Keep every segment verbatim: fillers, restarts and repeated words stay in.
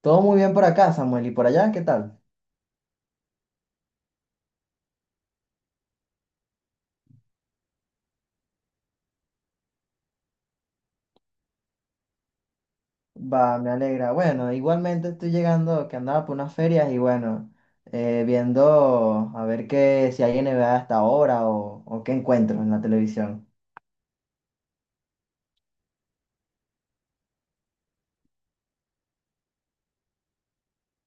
Todo muy bien por acá, Samuel. ¿Y por allá? ¿Qué tal? Va, me alegra. Bueno, igualmente estoy llegando, que andaba por unas ferias y bueno, eh, viendo a ver qué, si hay N B A hasta ahora o, o qué encuentro en la televisión.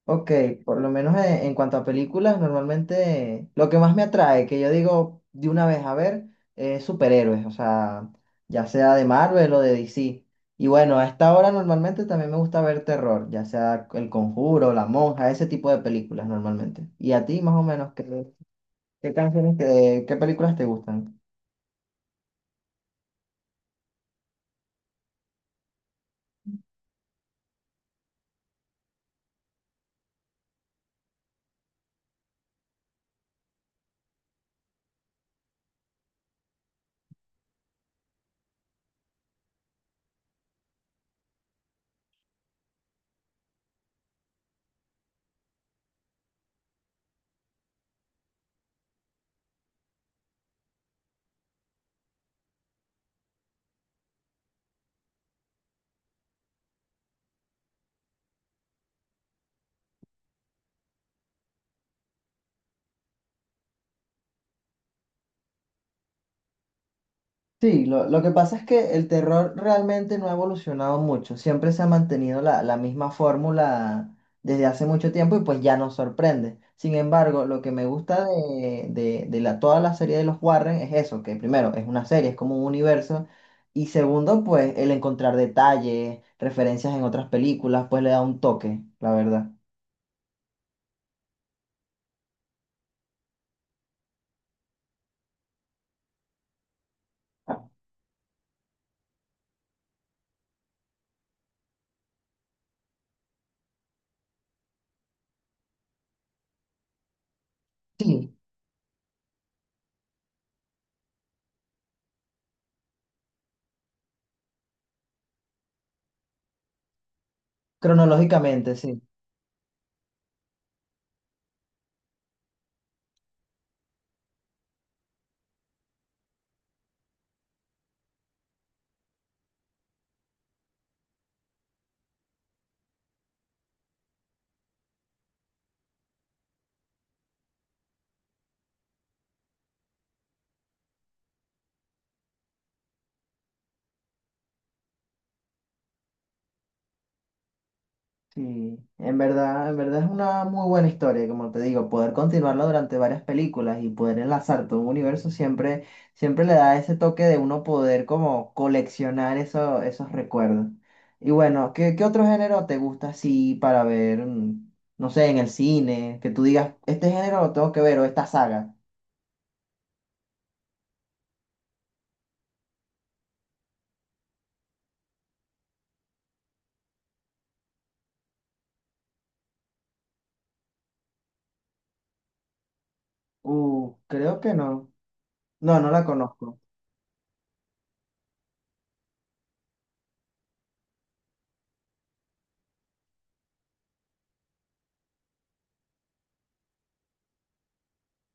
Ok, por lo menos en, en cuanto a películas, normalmente lo que más me atrae, que yo digo de una vez a ver, es superhéroes, o sea, ya sea de Marvel o de D C. Y bueno, a esta hora normalmente también me gusta ver terror, ya sea El Conjuro, La Monja, ese tipo de películas normalmente. ¿Y a ti más o menos qué, qué canciones, qué, qué películas te gustan? Sí, lo, lo que pasa es que el terror realmente no ha evolucionado mucho, siempre se ha mantenido la, la misma fórmula desde hace mucho tiempo y pues ya nos sorprende. Sin embargo, lo que me gusta de, de- de la, toda la serie de los Warren es eso, que primero es una serie, es como un universo, y segundo, pues el encontrar detalles, referencias en otras películas, pues le da un toque, la verdad. Sí, cronológicamente, sí. Sí, en verdad, en verdad es una muy buena historia, como te digo, poder continuarla durante varias películas y poder enlazar todo un universo siempre, siempre le da ese toque de uno poder como coleccionar eso- esos recuerdos. Y bueno, ¿qué, qué otro género te gusta así para ver, mm, no sé, en el cine, que tú digas, este género lo tengo que ver o esta saga? Uh, creo que no. No, no la conozco.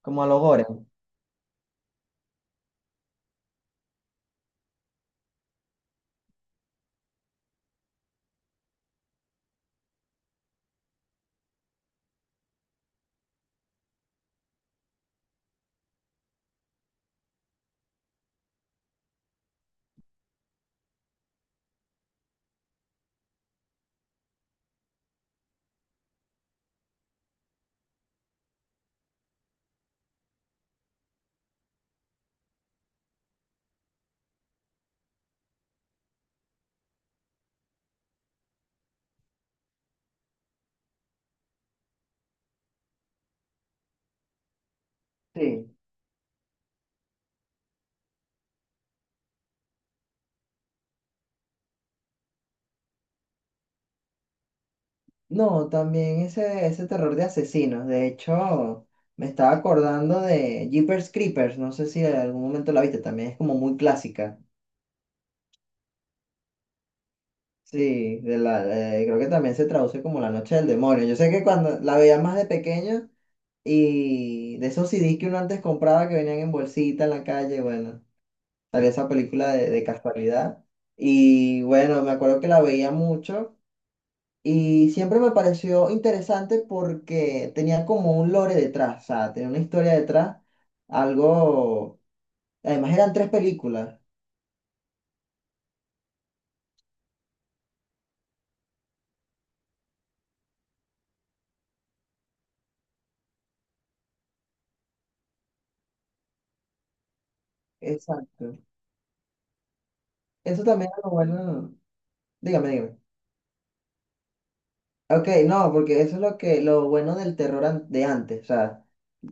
Como a los gore. Sí. No, también ese, ese terror de asesinos. De hecho, me estaba acordando de Jeepers Creepers. No sé si en algún momento la viste. También es como muy clásica. Sí, de la, de- creo que también se traduce como La Noche del Demonio. Yo sé que cuando la veía más de pequeño y de esos c CDs que uno antes compraba que venían en bolsita en la calle, bueno, salía esa película de, de casualidad. Y bueno, me acuerdo que la veía mucho. Y siempre me pareció interesante porque tenía como un lore detrás, o sea, tenía una historia detrás, algo... Además eran tres películas. Exacto. Eso también es lo bueno. Dígame, dígame. Ok, no, porque eso es lo que, lo bueno del terror an- de antes. O sea,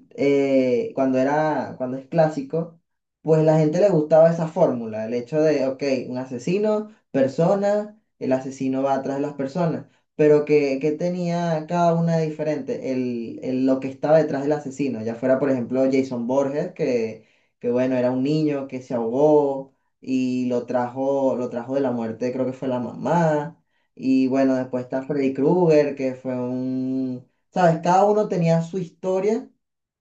eh, cuando era, cuando es clásico, pues la gente le gustaba esa fórmula, el hecho de, ok, un asesino, persona, el asesino va atrás de las personas, pero que, que tenía cada una diferente, el, el- lo que estaba detrás del asesino, ya fuera, por ejemplo, Jason Borges, que, que bueno, era un niño que se ahogó y lo trajo, lo trajo de la muerte, creo que fue la mamá. Y bueno, después está Freddy Krueger, que fue un... ¿Sabes? Cada uno tenía su historia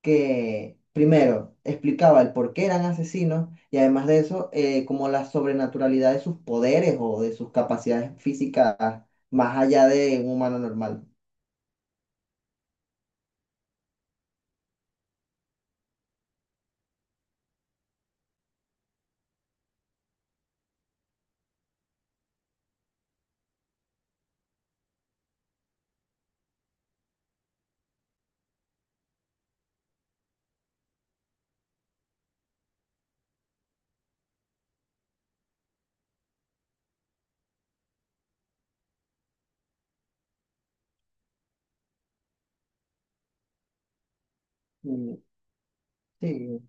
que primero explicaba el por qué eran asesinos y además de eso, eh, como la sobrenaturalidad de sus poderes o de sus capacidades físicas más allá de un humano normal. Mm. Sí,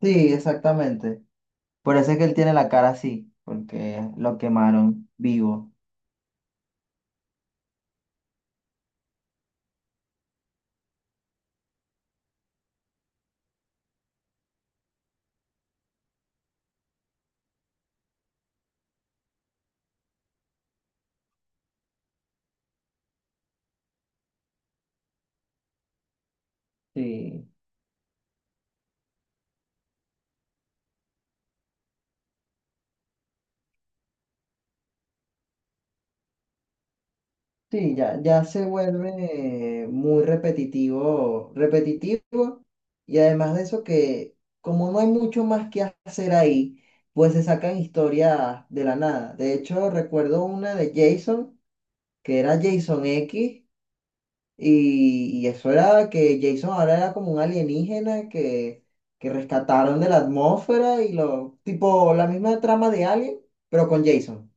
sí, exactamente. Por eso es que él tiene la cara así, porque lo quemaron vivo. Sí. Sí, ya, ya se vuelve muy repetitivo, repetitivo, y además de eso que como no hay mucho más que hacer ahí, pues se sacan historias de la nada. De hecho, recuerdo una de Jason, que era Jason X, y, y eso era que Jason ahora era como un alienígena que, que rescataron de la atmósfera y lo, tipo la misma trama de Alien, pero con Jason.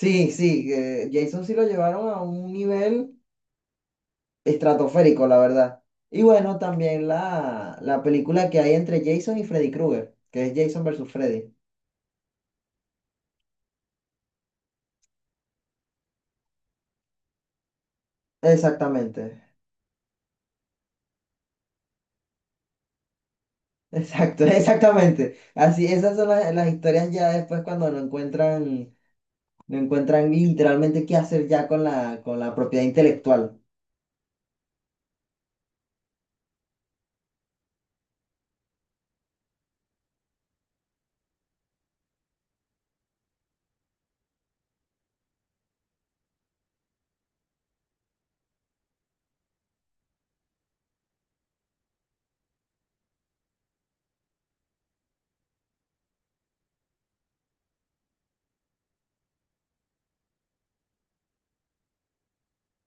Sí, sí, eh, Jason sí lo llevaron a un nivel estratosférico, la verdad. Y bueno, también la, la película que hay entre Jason y Freddy Krueger, que es Jason versus Freddy. Exactamente, exacto, exactamente. Así, esas son las, las historias ya después cuando no encuentran, no encuentran literalmente qué hacer ya con la, con la propiedad intelectual.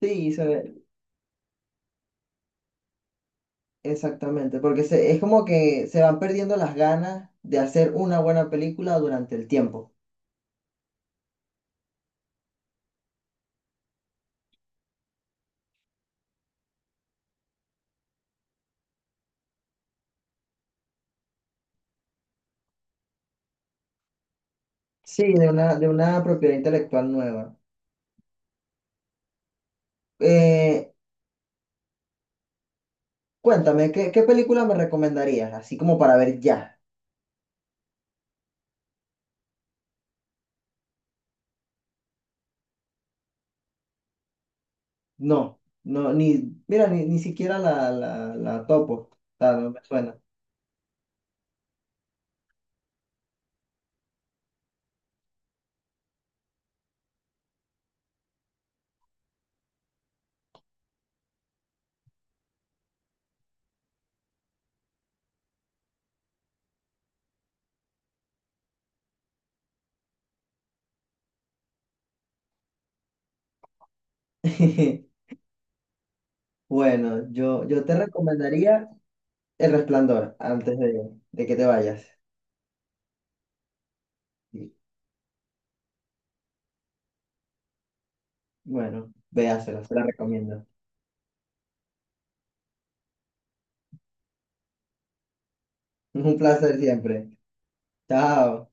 Sí, se ve. Exactamente, porque se, es como que se van perdiendo las ganas de hacer una buena película durante el tiempo. Sí, de una, de una propiedad intelectual nueva. Eh, Cuéntame, ¿qué, qué película me recomendarías? Así como para ver ya. No, no, ni, mira, ni, ni siquiera la, la, la topo. Ah, no me suena. Bueno, yo, yo te recomendaría El Resplandor antes de, de que te vayas. Y, bueno, véasela, se la recomiendo. Un placer siempre. Chao.